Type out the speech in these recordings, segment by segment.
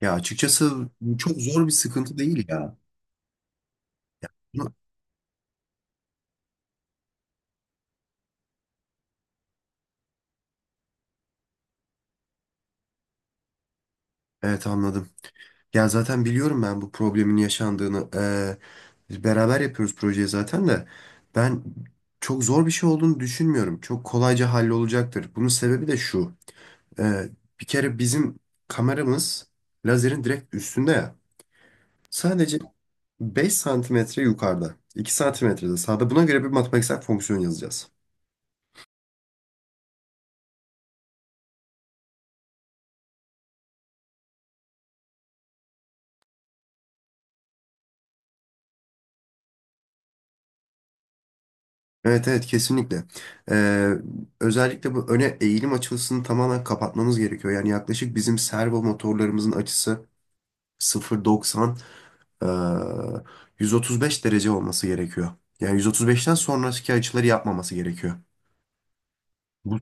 Ya açıkçası çok zor bir sıkıntı değil ya. Bunu- Evet, anladım. Ya zaten biliyorum ben bu problemin yaşandığını. Biz beraber yapıyoruz projeyi zaten de. Ben çok zor bir şey olduğunu düşünmüyorum. Çok kolayca hallolacaktır. Bunun sebebi de şu. Ee, Bir kere bizim kameramız lazerin direkt üstünde ya. Sadece 5 santimetre yukarıda. 2 santimetrede sağda. Buna göre bir matematiksel fonksiyon yazacağız. Evet, evet, kesinlikle. Ee, Özellikle bu öne eğilim açısını tamamen kapatmamız gerekiyor. Yani yaklaşık bizim servo motorlarımızın açısı 0.90 eee, 135 derece olması gerekiyor. Yani 135'ten sonraki açıları yapmaması gerekiyor. Bu,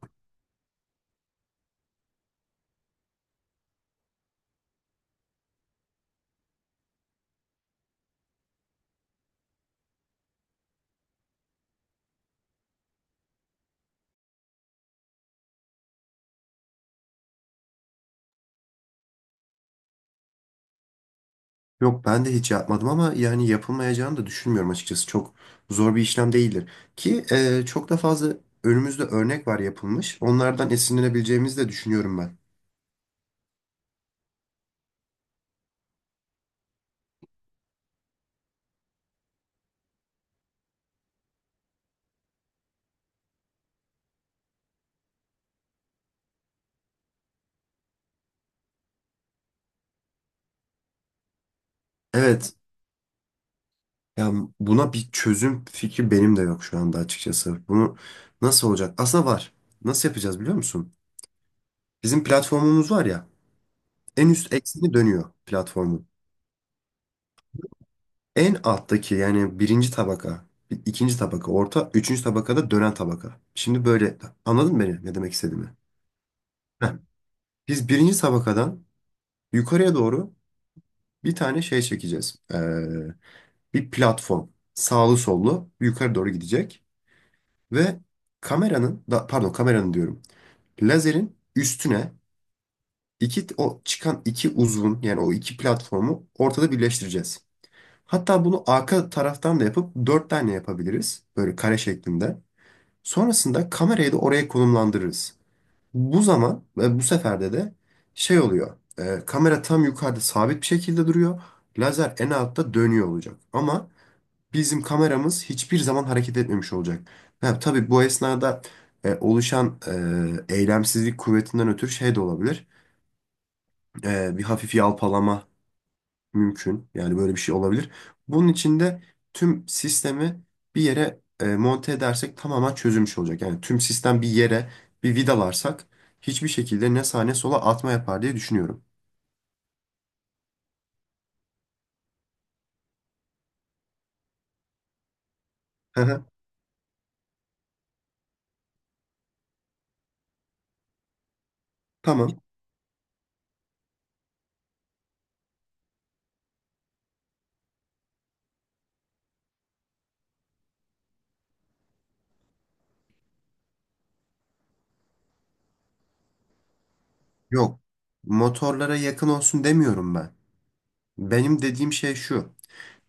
Yok, ben de hiç yapmadım ama yani yapılmayacağını da düşünmüyorum açıkçası. Çok zor bir işlem değildir. Ki çok da fazla önümüzde örnek var yapılmış. Onlardan esinlenebileceğimizi de düşünüyorum ben. Evet. Ya buna bir çözüm fikri benim de yok şu anda açıkçası. Bunu nasıl olacak? Aslında var. Nasıl yapacağız biliyor musun? Bizim platformumuz var ya. En üst ekseni dönüyor platformun. En alttaki yani birinci tabaka, ikinci tabaka, orta, üçüncü tabakada dönen tabaka. Şimdi böyle anladın mı beni ne demek istediğimi? Heh. Biz birinci tabakadan yukarıya doğru bir tane şey çekeceğiz. Bir platform. Sağlı sollu yukarı doğru gidecek. Ve kameranın, da, pardon, kameranın diyorum. Lazerin üstüne iki o çıkan iki uzvun yani o iki platformu ortada birleştireceğiz. Hatta bunu arka taraftan da yapıp dört tane yapabiliriz. Böyle kare şeklinde. Sonrasında kamerayı da oraya konumlandırırız. Bu zaman ve bu seferde de şey oluyor. Kamera tam yukarıda sabit bir şekilde duruyor. Lazer en altta dönüyor olacak. Ama bizim kameramız hiçbir zaman hareket etmemiş olacak. Ha, tabii bu esnada oluşan eylemsizlik kuvvetinden ötürü şey de olabilir. Bir hafif yalpalama mümkün. Yani böyle bir şey olabilir. Bunun için de tüm sistemi bir yere monte edersek tamamen çözülmüş olacak. Yani tüm sistem bir yere bir vidalarsak hiçbir şekilde ne sağa ne sola atma yapar diye düşünüyorum. Hı hı. Tamam. Yok. Motorlara yakın olsun demiyorum ben. Benim dediğim şey şu.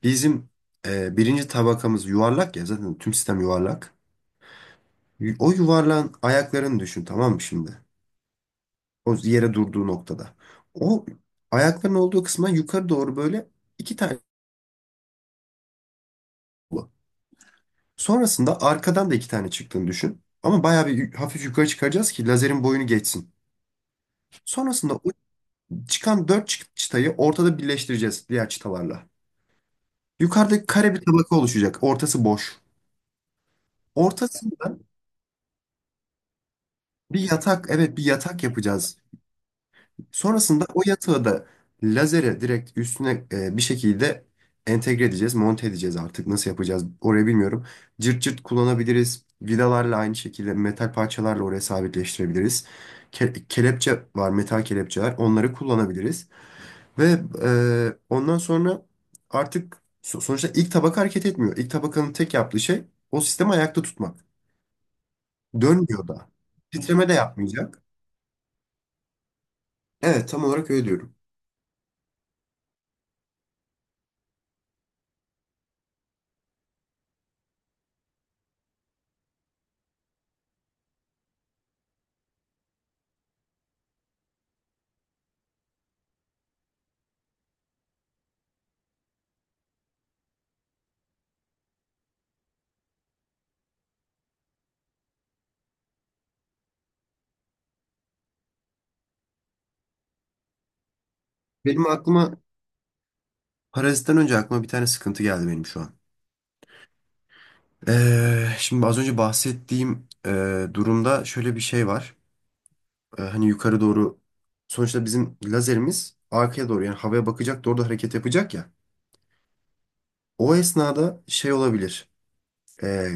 Bizim birinci tabakamız yuvarlak ya, zaten tüm sistem yuvarlak. O yuvarlağın ayaklarını düşün, tamam mı şimdi? O yere durduğu noktada. O ayakların olduğu kısma yukarı doğru böyle iki tane bu. Sonrasında arkadan da iki tane çıktığını düşün. Ama bayağı bir hafif yukarı çıkaracağız ki lazerin boyunu geçsin. Sonrasında o çıkan dört çıtayı ortada birleştireceğiz diğer çıtalarla. Yukarıda kare bir tabaka oluşacak. Ortası boş. Ortasından bir yatak, evet, bir yatak yapacağız. Sonrasında o yatağı da lazere direkt üstüne bir şekilde entegre edeceğiz, monte edeceğiz artık. Nasıl yapacağız orayı bilmiyorum. Cırt cırt kullanabiliriz. Vidalarla aynı şekilde metal parçalarla oraya sabitleştirebiliriz. Kelepçe var, metal kelepçeler. Onları kullanabiliriz. Ve ondan sonra artık sonuçta ilk tabaka hareket etmiyor. İlk tabakanın tek yaptığı şey o sistemi ayakta tutmak. Dönmüyor da. Titreme de yapmayacak. Evet, tam olarak öyle diyorum. Benim aklıma Parazitten önce aklıma bir tane sıkıntı geldi benim şu an. Şimdi az önce bahsettiğim durumda şöyle bir şey var. Hani yukarı doğru sonuçta bizim lazerimiz arkaya doğru yani havaya bakacak doğru da hareket yapacak ya. O esnada şey olabilir. Ee,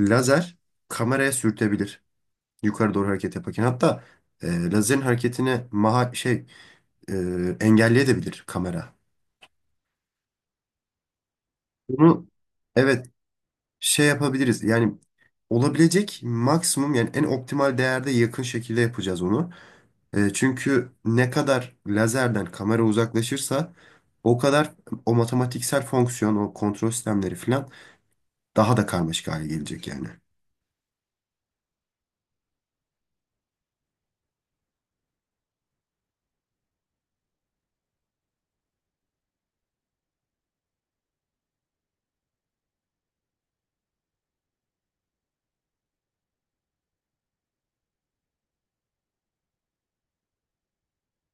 Lazer kameraya sürtebilir yukarı doğru hareket yaparken. Hatta lazerin hareketini maha şey e, engelleyebilir kamera. Bunu evet şey yapabiliriz. Yani olabilecek maksimum yani en optimal değerde yakın şekilde yapacağız onu. Çünkü ne kadar lazerden kamera uzaklaşırsa o kadar o matematiksel fonksiyon, o kontrol sistemleri falan daha da karmaşık hale gelecek yani.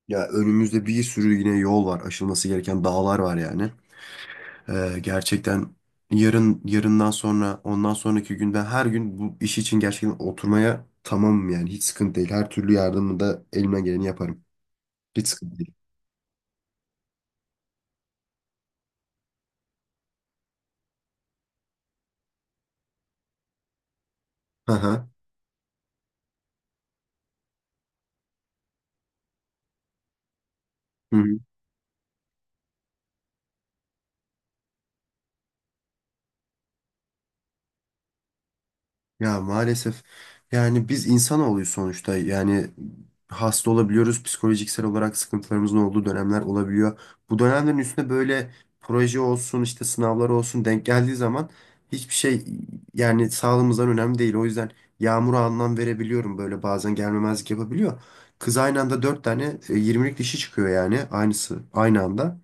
Ya önümüzde bir sürü yine yol var, aşılması gereken dağlar var yani. Gerçekten yarın yarından sonra ondan sonraki gün ben her gün bu iş için gerçekten oturmaya tamamım yani hiç sıkıntı değil. Her türlü yardımı da elimden geleni yaparım. Hiç sıkıntı değil. Hı hı. Hı hı. Ya maalesef yani biz insanoğluyuz sonuçta yani hasta olabiliyoruz psikolojiksel olarak sıkıntılarımızın olduğu dönemler olabiliyor. Bu dönemlerin üstüne böyle proje olsun işte sınavlar olsun denk geldiği zaman hiçbir şey yani sağlığımızdan önemli değil. O yüzden yağmura anlam verebiliyorum böyle bazen gelmemezlik yapabiliyor. Kız aynı anda dört tane 20'lik dişi çıkıyor yani aynısı aynı anda.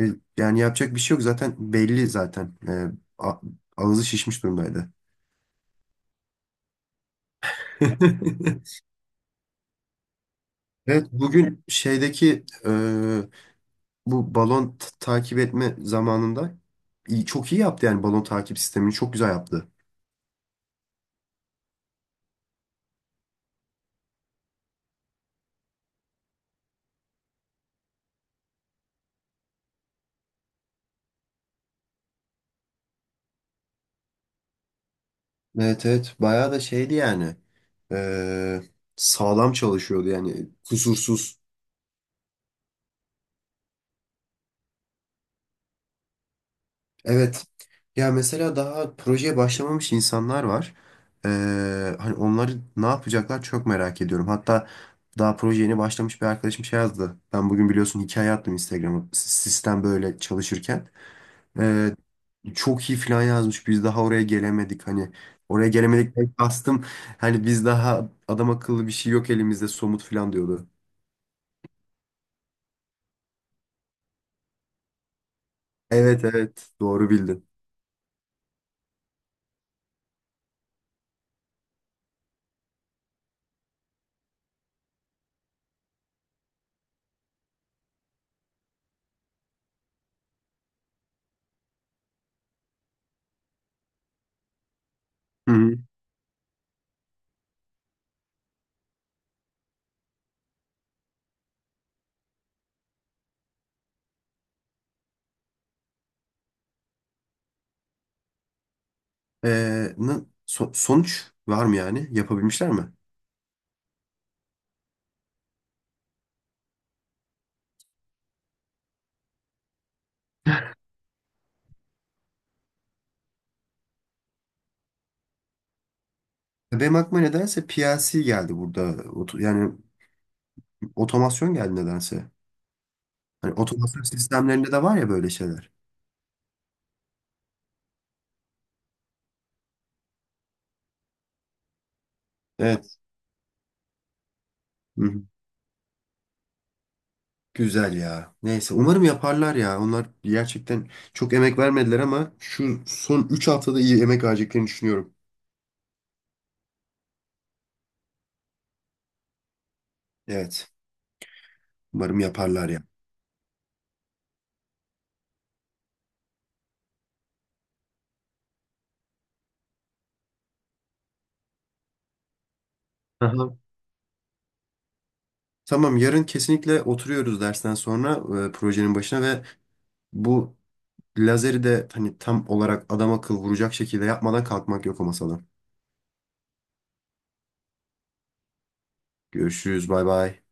E, Yani yapacak bir şey yok zaten belli zaten. A- Ağzı şişmiş durumdaydı. Evet bugün şeydeki bu balon takip etme zamanında iyi, çok iyi yaptı yani balon takip sistemini çok güzel yaptı. Evet, evet, bayağı da şeydi yani e, sağlam çalışıyordu yani kusursuz. Evet ya, mesela daha projeye başlamamış insanlar var. E, Hani onları ne yapacaklar çok merak ediyorum. Hatta daha proje yeni başlamış bir arkadaşım şey yazdı. Ben bugün biliyorsun hikaye attım Instagram'a sistem böyle çalışırken. Ee, Çok iyi falan yazmış. Biz daha oraya gelemedik hani. Oraya gelemedikten kastım. Hani biz daha adam akıllı bir şey yok elimizde somut falan diyordu. Evet, evet, doğru bildin. Hı hı. Sonuç var mı yani? Yapabilmişler mi? Benim aklıma nedense PLC geldi burada. Yani otomasyon geldi nedense. Hani otomasyon sistemlerinde de var ya böyle şeyler. Evet. Hı hı. Güzel ya. Neyse umarım yaparlar ya. Onlar gerçekten çok emek vermediler ama şu son 3 haftada iyi emek vereceklerini düşünüyorum. Evet. Umarım yaparlar ya. Aha. Tamam, yarın kesinlikle oturuyoruz dersten sonra projenin başına ve bu lazeri de hani tam olarak adam akıl vuracak şekilde yapmadan kalkmak yok o masadan. Görüşürüz, bay bay.